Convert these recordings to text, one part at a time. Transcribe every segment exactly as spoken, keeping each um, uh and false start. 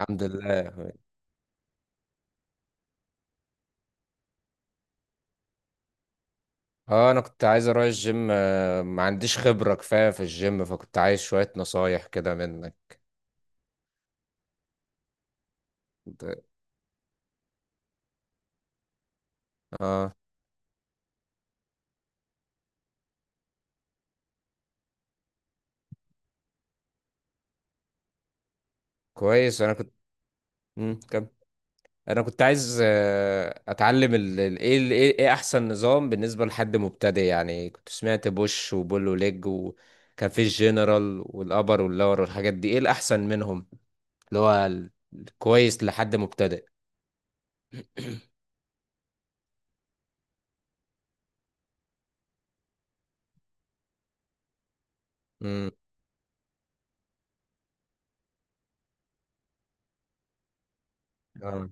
الحمد لله. اه انا كنت عايز اروح الجيم، آه، ما عنديش خبرة كفاية في الجيم، فكنت عايز شوية نصايح كده منك. د- اه، كويس. انا كنت مم، كم انا كنت عايز آه، اتعلم ال... ال... ايه ال... ايه إيه احسن نظام بالنسبة لحد مبتدئ، يعني كنت سمعت بوش وبول وليج، وكان في الجنرال والابر واللور والحاجات دي، ايه الاحسن منهم؟ اللي هو ال- الكويس لحد مبتدئ. امم. اه.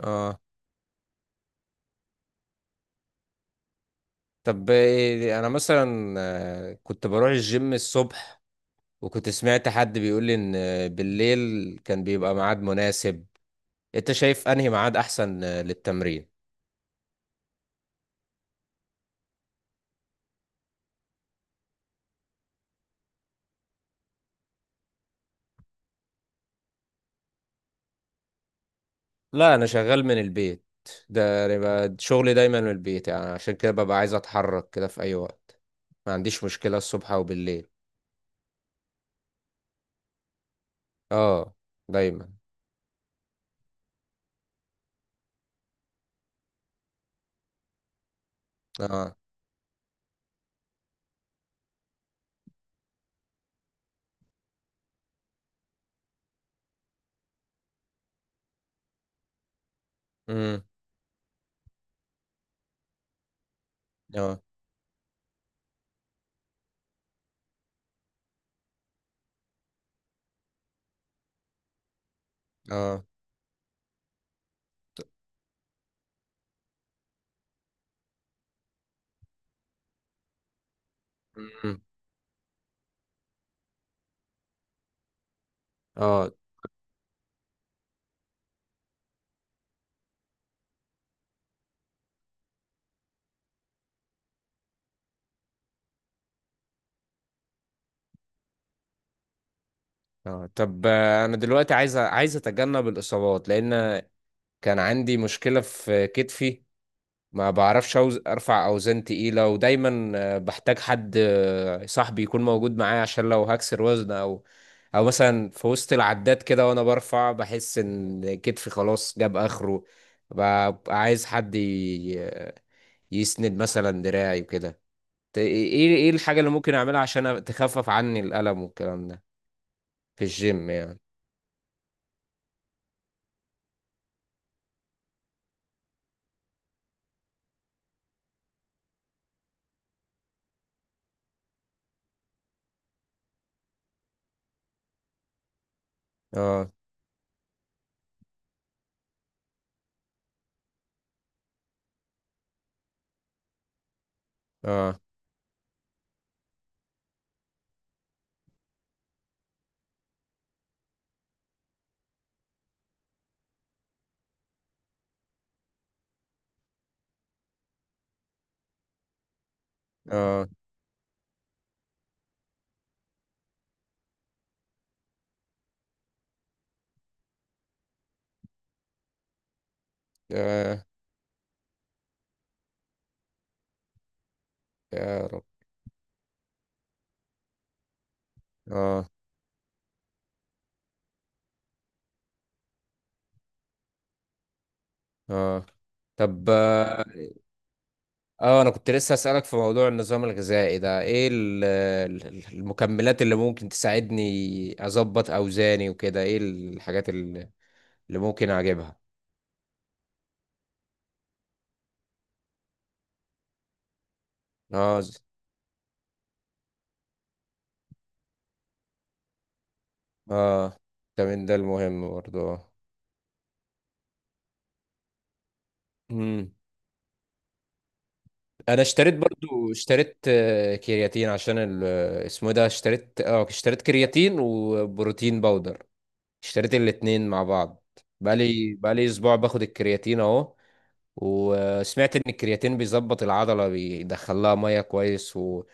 اه، طب إيه- انا مثلا آه، كنت بروح الجيم الصبح، وكنت سمعت حد بيقول لي ان آه، بالليل كان بيبقى ميعاد مناسب. انت شايف انهي ميعاد احسن آه، للتمرين؟ لا، انا شغال من البيت. ده يبقى شغلي دايما من البيت، يعني عشان كده ببقى عايز اتحرك كده في اي وقت. ما عنديش مشكلة الصبح او بالليل. اه، دايما. اه. امم. اه. اه. امم. اه. اه، طب آه، انا دلوقتي عايز عايز اتجنب الاصابات، لان كان عندي مشكلة في كتفي. ما بعرفش أوز... ارفع اوزان تقيلة، ودايما آه، بحتاج حد، آه، صاحبي يكون موجود معايا، عشان لو هكسر وزن او او مثلا في وسط العداد كده وانا برفع، بحس ان كتفي خلاص جاب اخره. ببقى عايز حد ي... يسند مثلا دراعي وكده. ت- ايه، ايه الحاجة اللي ممكن اعملها عشان تخفف عني الألم والكلام ده في الجيم يعني؟ اه. اه. اه. آه. يا رب. اه. اه، طب اه، آه، انا كنت لسه اسالك في موضوع النظام الغذائي ده، ايه ال- ال- المكملات اللي ممكن تساعدني اظبط اوزاني وكده، ايه الحاجات اللي اللي ممكن اجيبها؟ اه، ز- اه، فيتامين ده المهم برضو. امم. انا اشتريت، برضو اشتريت آه، كرياتين، عشان ال- آه، اسمه إيه ده، اشتريت اه اشتريت كرياتين وبروتين باودر. اشتريت الاتنين مع بعض. بقالي بقالي اسبوع باخد الكرياتين اهو. وسمعت ان الكرياتين بيظبط العضله، بيدخلها ميه كويس، و...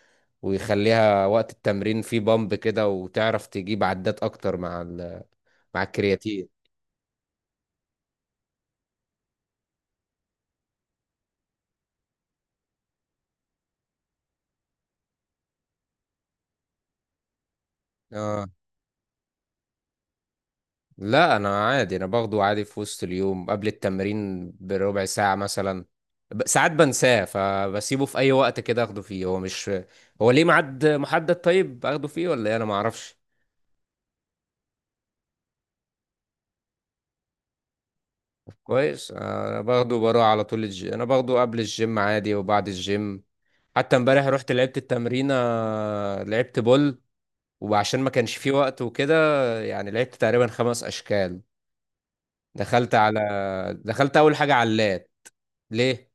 ويخليها وقت التمرين في بامب كده، وتعرف تجيب عدات اكتر مع ال... مع الكرياتين. اه. لا، انا عادي. انا باخده عادي في وسط اليوم قبل التمرين بربع ساعه مثلا. ب- ساعات بنساه، فبسيبه في اي وقت كده اخده فيه. هو مش هو ليه ميعاد محدد؟ طيب اخده فيه ولا ايه؟ انا ما اعرفش. كويس، انا باخده، بروح على طول الجيم. انا باخده قبل الجيم عادي وبعد الجيم. حتى امبارح رحت لعبت التمرينة، لعبت بول، وعشان ما كانش فيه وقت وكده يعني لعبت تقريبا خمس أشكال. دخلت على دخلت أول حاجة على اللات. ليه؟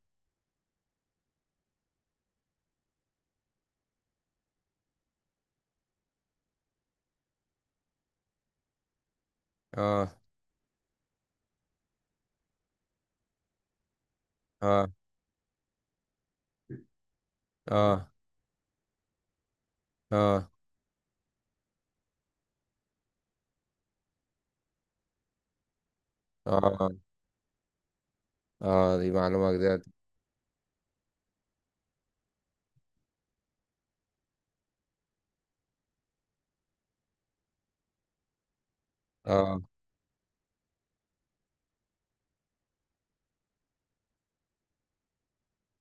اه. اه. اه. اه. اه. اه، دي معلومة جديدة. اه،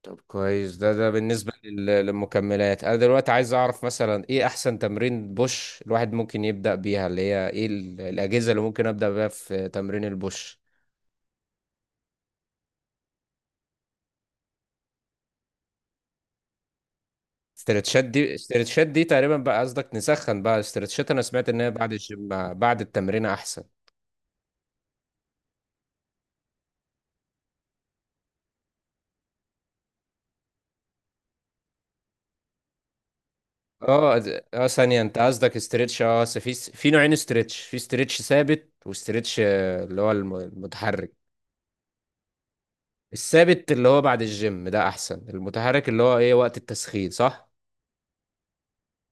طب كويس. ده ده بالنسبة لل- للمكملات. أنا دلوقتي عايز أعرف مثلا إيه أحسن تمرين بوش الواحد ممكن يبدأ بيها؟ اللي هي إيه ال- الأجهزة اللي ممكن أبدأ بيها في تمرين البوش؟ استرتشات دي استرتشات دي تقريبا بقى قصدك نسخن بقى استرتشات؟ انا سمعت ان هي بعد الجيم، بعد التمرين احسن. اه. اه، ثانية، انت قصدك استرتش؟ اه، أصل في في نوعين استرتش: في استرتش ثابت، واسترتش آه، اللي هو الم- المتحرك. الثابت اللي هو بعد الجيم ده احسن، المتحرك اللي هو ايه وقت التسخين، صح؟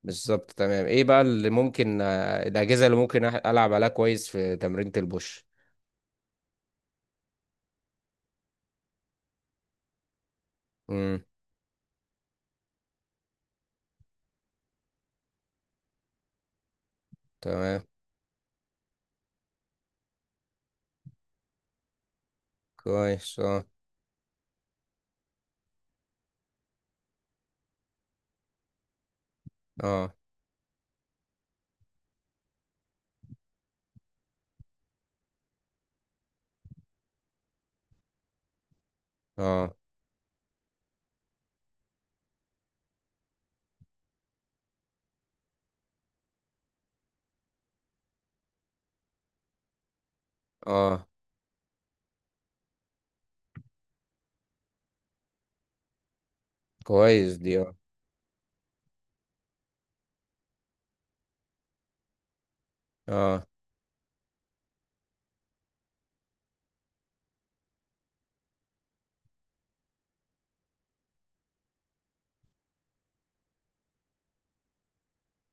بالظبط، تمام. ايه بقى اللي ممكن آه، الاجهزة اللي ممكن أح- العب عليها كويس في تمرينة البوش؟ امم. تمام. كويس. اه. اه. اه. اه. كويس دي. آه. اه،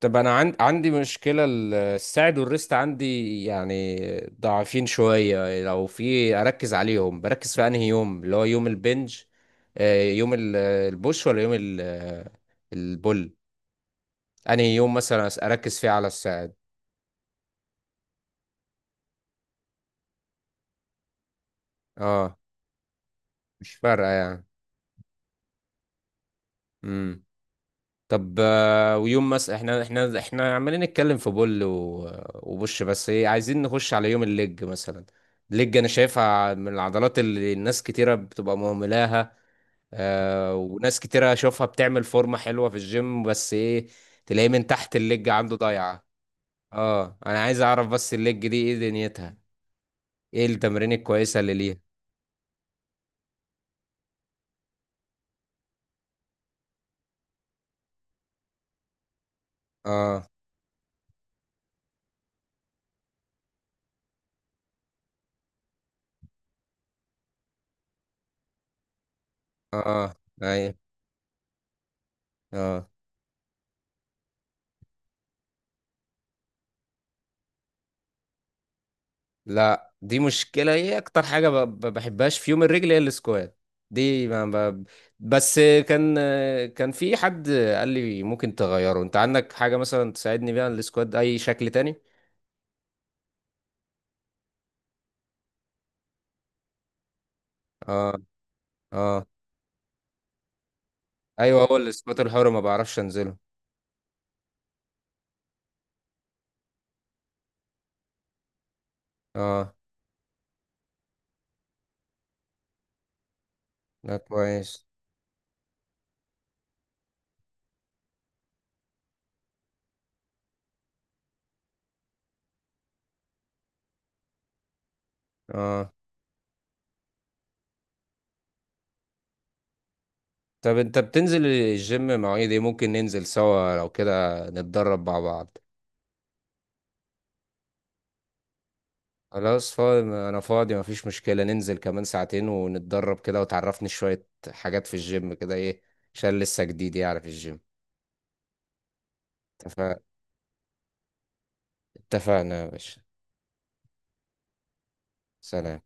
طب انا عند... عندي مشكله، ال- الساعد والريست عندي يعني ضعيفين شويه. لو في، اركز عليهم، بركز في انهي يوم؟ اللي هو يوم البنج، آه، يوم ال- البوش، ولا يوم ال- آه، البول؟ انهي يوم مثلا أس- اركز فيه على الساعد؟ اه. مش فارقه يعني. طب آه، ويوم مثلا، احنا احنا احنا عمالين نتكلم في بول و- وبوش بس، ايه، عايزين نخش على يوم الليج مثلا. الليج انا شايفها من العضلات اللي الناس كتيرة بتبقى مهملاها، آه وناس كتيرة اشوفها بتعمل فورمة حلوة في الجيم، بس ايه، تلاقيه من تحت الليج عنده ضايعة. اه، انا عايز اعرف بس الليج دي ايه دنيتها، ايه التمرين الكويسة اللي ليها؟ اه. اه. آه. ايوه. اه. لا، دي مشكلة. هي أكتر حاجة ما بحبهاش في يوم الرجل هي السكوات. دي ما ما- بس كان كان في حد قال لي ممكن تغيره. أنت عندك حاجة مثلا تساعدني بيها، السكوات ده أي شكل تاني؟ اه. اه، أيوه. هو السكوات الحر ما بعرفش أنزله. اه. لا، كويس. اه، طب أنت بتنزل الجيم مواعيد إيه؟ ممكن ننزل سوا لو كده نتدرب مع بعض؟ خلاص، فاضي. انا فاضي، مفيش مشكلة. ننزل كمان ساعتين ونتدرب كده وتعرفني شوية حاجات في الجيم كده، ايه، عشان لسه جديد يعني في الجيم. اتفق- اتفقنا يا باشا. سلام.